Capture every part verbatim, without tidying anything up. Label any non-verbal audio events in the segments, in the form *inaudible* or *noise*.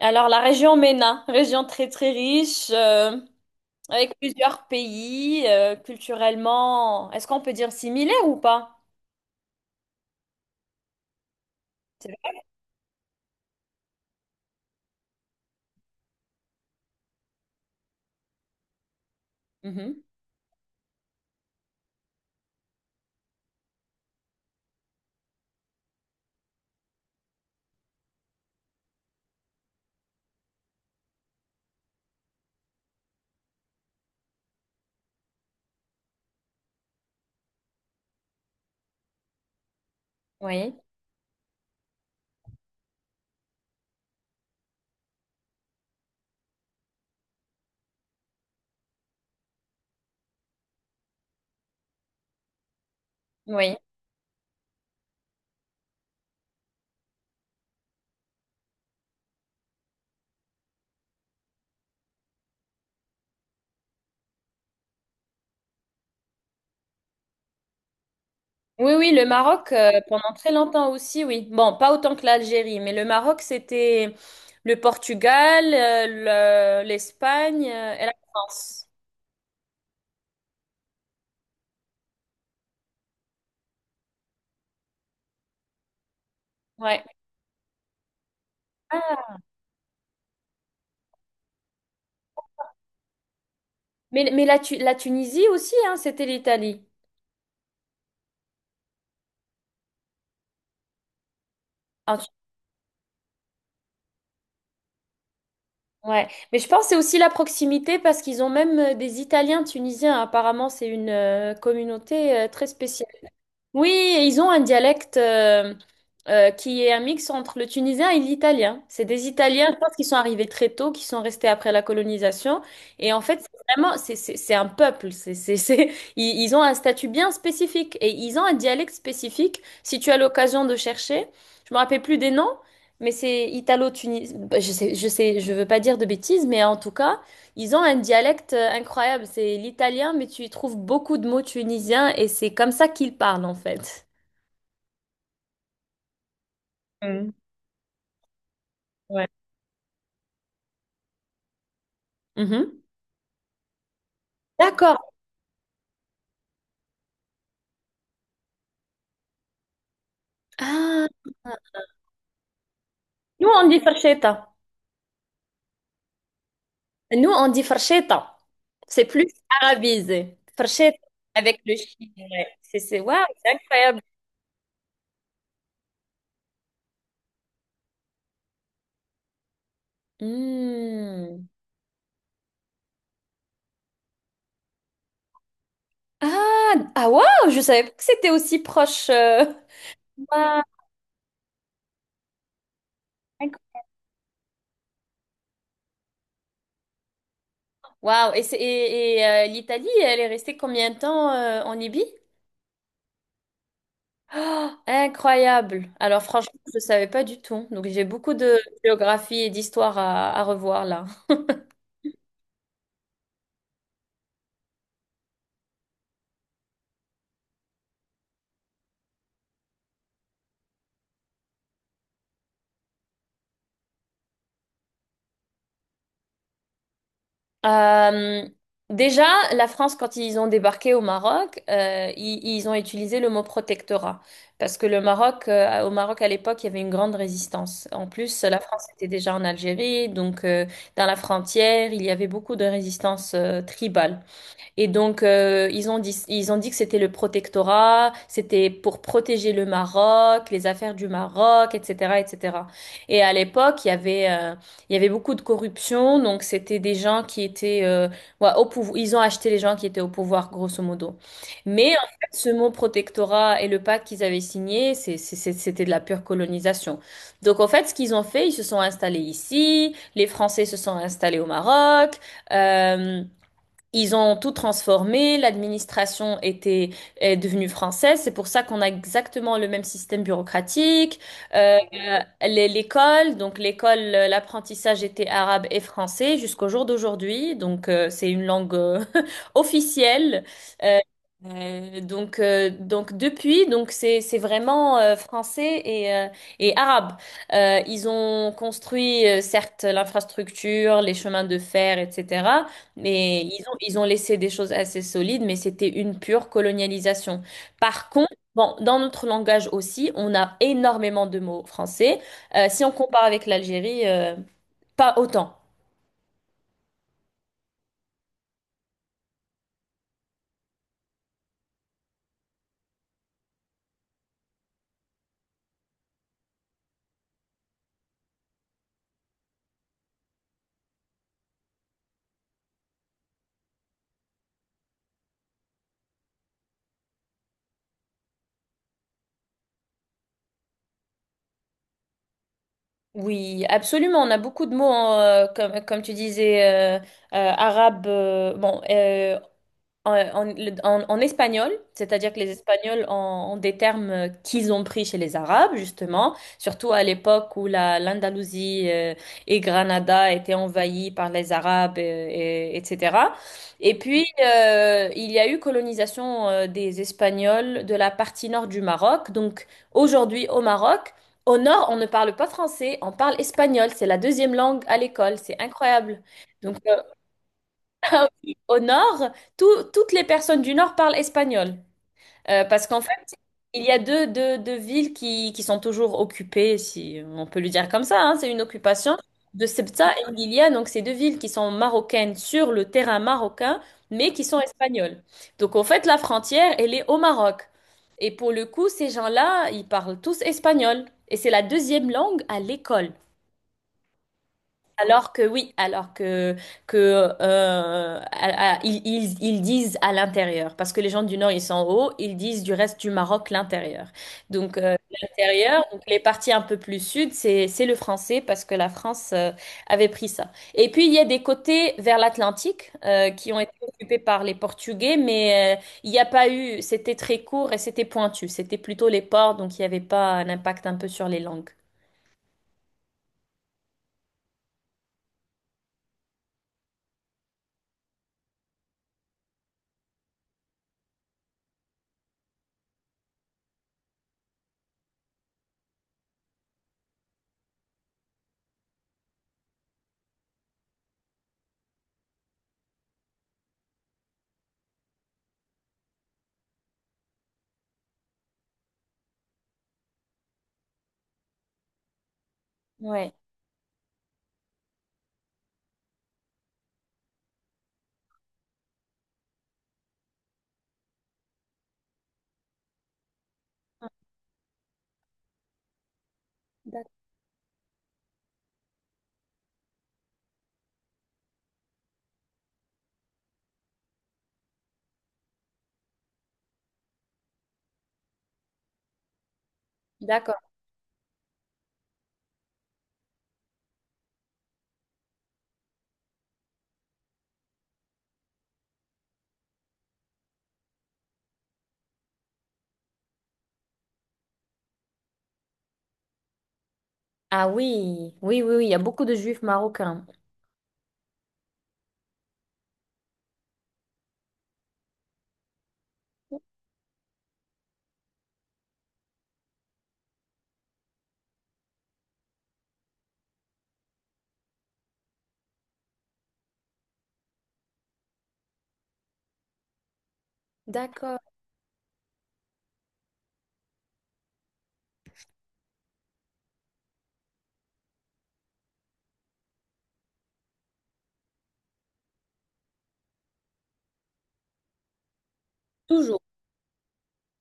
Alors, la région M E N A, région très très riche, euh, avec plusieurs pays, euh, culturellement, est-ce qu'on peut dire similaire ou pas? C'est vrai. Mhm. Oui, oui. Oui, oui, le Maroc, euh, pendant très longtemps aussi, oui. Bon, pas autant que l'Algérie, mais le Maroc, c'était le Portugal, euh, le- l'Espagne, euh, et la France. Ouais. Ah, mais, mais la, Tu- la Tunisie aussi, hein, c'était l'Italie. Ouais, mais je pense que c'est aussi la proximité parce qu'ils ont même euh, des Italiens tunisiens. Apparemment, c'est une euh, communauté euh, très spéciale. Oui, et ils ont un dialecte euh, euh, qui est un mix entre le tunisien et l'italien. C'est des Italiens, je pense, qui sont arrivés très tôt, qui sont restés après la colonisation. Et en fait, c'est vraiment, c'est c'est- c'est un peuple. C'est, c'est, c'est- *laughs* Ils, ils ont un statut bien spécifique et ils ont un dialecte spécifique. Si tu as l'occasion de chercher, je me rappelle plus des noms, mais c'est italo-tunisien. Je sais, je sais, je veux pas dire de bêtises, mais en tout cas. Ils ont un dialecte euh, incroyable, c'est l'italien, mais tu y trouves beaucoup de mots tunisiens et c'est comme ça qu'ils parlent en fait. Mm. Ouais. Mhm. D'accord. Ah, nous on dit farcheta. Nous on dit farcheta. C'est plus arabisé. Farcheta avec le chi. Ouais. C'est c'est waouh, c'est incroyable. Hmm. Ah, ah waouh, je savais pas que c'était aussi proche. euh. Waouh, incro- waouh. Et, c'est- et, et, euh, l'Italie, elle est restée combien de temps euh, en Libye? Oh, incroyable. Alors franchement, je ne savais pas du tout. Donc j'ai beaucoup de géographie et d'histoire à, à revoir là. Euh, déjà, la France, quand ils ont débarqué au Maroc, euh, ils, ils ont utilisé le mot protectorat. Parce que le Maroc, euh, au Maroc à l'époque, il y avait une grande résistance. En plus, la France était déjà en Algérie, donc euh, dans la frontière, il y avait beaucoup de résistance euh, tribale. Et donc, euh, ils ont dit, ils ont dit que c'était le protectorat, c'était pour protéger le Maroc, les affaires du Maroc, et cetera, et cetera. Et cetera. Et à l'époque, il y avait, euh, il y avait beaucoup de corruption, donc c'était des gens qui étaient, euh, ouais, au pouvoir, ils ont acheté les gens qui étaient au pouvoir, grosso modo. Mais en fait, ce mot protectorat et le pacte qu'ils avaient signé, c'est- c'est- c'est- c'était de la pure colonisation. Donc, en fait, ce qu'ils ont fait, ils se sont installés ici, les Français se sont installés au Maroc, euh, ils ont tout transformé, l'administration était est devenue française, c'est pour ça qu'on a exactement le même système bureaucratique. Euh, euh, les- l'école, donc l'école, euh, l'apprentissage était arabe et français jusqu'au jour d'aujourd'hui, donc euh, c'est une langue euh, *laughs* officielle. Euh, euh, donc euh, donc depuis, donc c'est c'est vraiment euh, français et euh, et arabe. Euh, ils ont construit euh, certes l'infrastructure, les chemins de fer, et cetera. Mais ils ont, ils ont laissé des choses assez solides, mais c'était une pure colonialisation. Par contre, bon, dans notre langage aussi, on a énormément de mots français. Euh, si on compare avec l'Algérie, euh, pas autant. Oui, absolument. On a beaucoup de mots, hein, euh, comme, comme tu disais, euh, euh, arabe. euh, bon, euh, en, en- le- en- en espagnol, c'est-à-dire que les Espagnols ont, ont des termes euh, qu'ils ont pris chez les Arabes, justement, surtout à l'époque où la, l'Andalousie euh, et Granada étaient envahies par les Arabes, euh, et- etc. Et puis, euh, il y a eu colonisation euh, des Espagnols de la partie nord du Maroc. Donc, aujourd'hui, au Maroc, au nord, on ne parle pas français, on parle espagnol. C'est la deuxième langue à l'école. C'est incroyable. Donc, euh, ah oui. Au nord, tout- toutes les personnes du nord parlent espagnol. Euh, parce qu'en fait, il y a deux, deux- deux villes qui, qui sont toujours occupées, si on peut le dire comme ça, hein, c'est une occupation de Ceuta et Melilla, donc ces deux villes qui sont marocaines sur le terrain marocain, mais qui sont espagnoles. Donc en fait, la frontière, elle est au Maroc. Et pour le coup, ces gens-là, ils parlent tous espagnol. Et c'est la deuxième langue à l'école. Alors que oui, alors que que euh, à- à- ils, ils- ils disent à l'intérieur, parce que les gens du Nord ils sont en haut, ils disent du reste du Maroc l'intérieur. Donc euh, l'intérieur, donc les parties un peu plus sud, c'est c'est le français parce que la France euh, avait pris ça. Et puis il y a des côtés vers l'Atlantique euh, qui ont été occupés par les Portugais, mais euh, il n'y a pas eu, c'était très court et c'était pointu, c'était plutôt les ports, donc il n'y avait pas un impact un peu sur les langues. Ouais. D'ac- D'accord. Ah oui, oui, oui, oui, il y a beaucoup de juifs marocains. D'accord. Toujours.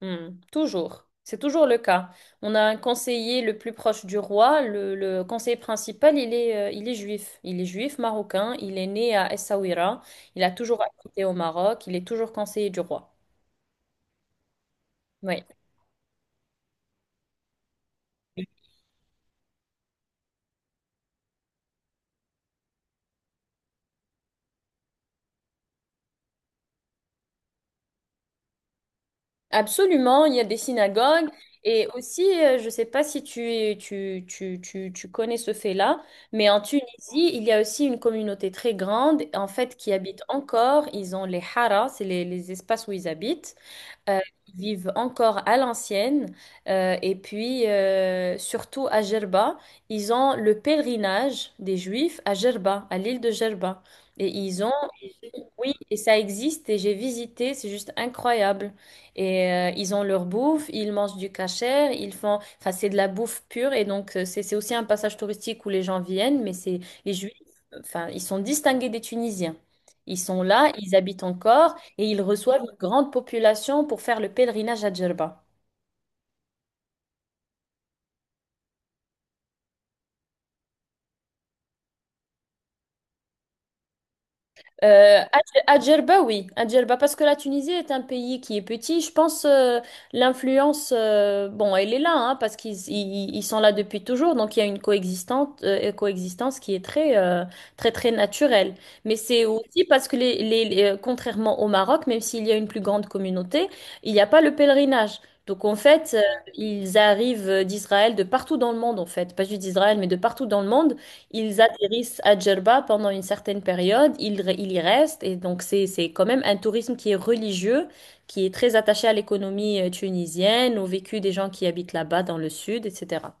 Hmm, toujours. C'est toujours le cas. On a un conseiller le plus proche du roi. Le, le conseiller principal, il est, euh, il est juif. Il est juif marocain. Il est né à Essaouira. Il a toujours habité au Maroc. Il est toujours conseiller du roi. Oui. Absolument, il y a des synagogues et aussi, euh, je ne sais pas si tu, tu, tu, tu, tu connais ce fait-là, mais en Tunisie, il y a aussi une communauté très grande, en fait, qui habite encore. Ils ont les haras, c'est les, les espaces où ils habitent euh, qui vivent encore à l'ancienne. Euh, et puis, euh, surtout à Gerba, ils ont le pèlerinage des Juifs à Gerba, à l'île de Gerba. Et ils ont, oui, et ça existe, et j'ai visité, c'est juste incroyable. Et euh, ils ont leur bouffe, ils mangent du kasher, ils font, enfin, c'est de la bouffe pure, et donc euh, c'est c'est aussi un passage touristique où les gens viennent, mais c'est les Juifs, enfin, ils sont distingués des Tunisiens. Ils sont là, ils habitent encore, et ils reçoivent une grande population pour faire le pèlerinage à Djerba. Euh, à Dje- à Djerba, oui, à Djerba, parce que la Tunisie est un pays qui est petit. Je pense euh, l'influence, euh, bon, elle est là, hein, parce qu'ils ils, ils sont là depuis toujours, donc il y a une coexistence, euh, coexistence qui est très, euh, très, très, naturelle. Mais c'est aussi parce que les, les, les- euh, contrairement au Maroc, même s'il y a une plus grande communauté, il n'y a pas le pèlerinage. Donc en fait, euh, ils arrivent euh, d'Israël, de partout dans le monde, en fait, pas juste d'Israël, mais de partout dans le monde. Ils atterrissent à Djerba pendant une certaine période, ils, re- ils y restent, et donc c'est, c'est quand même un tourisme qui est religieux, qui est très attaché à l'économie euh, tunisienne, au vécu des gens qui habitent là-bas dans le sud, et cetera.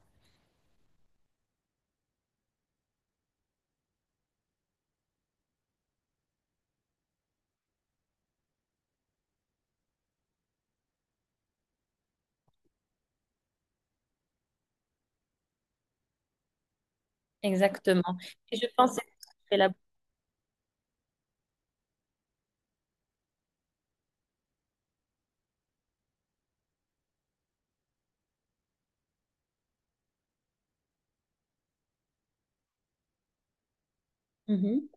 Exactement. Et je pense que c'est là. Mhm.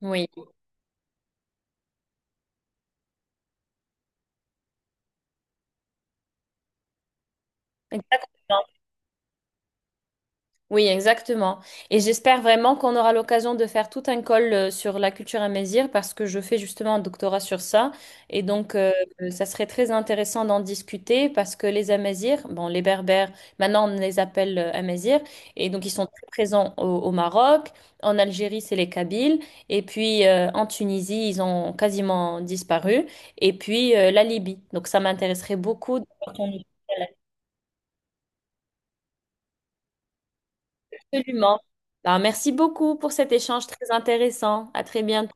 Oui, exactement. Oui, exactement. Et j'espère vraiment qu'on aura l'occasion de faire tout un call euh, sur la culture amazigh parce que je fais justement un doctorat sur ça. Et donc, euh, euh, ça serait très intéressant d'en discuter parce que les Amazirs, bon, les Berbères, maintenant on les appelle euh, Amazirs, et donc ils sont très présents au, au Maroc. En Algérie, c'est les Kabyles. Et puis euh, en Tunisie, ils ont quasiment disparu. Et puis euh, la Libye. Donc, ça m'intéresserait beaucoup. De voir ton absolument. Alors, merci beaucoup pour cet échange très intéressant. À très bientôt.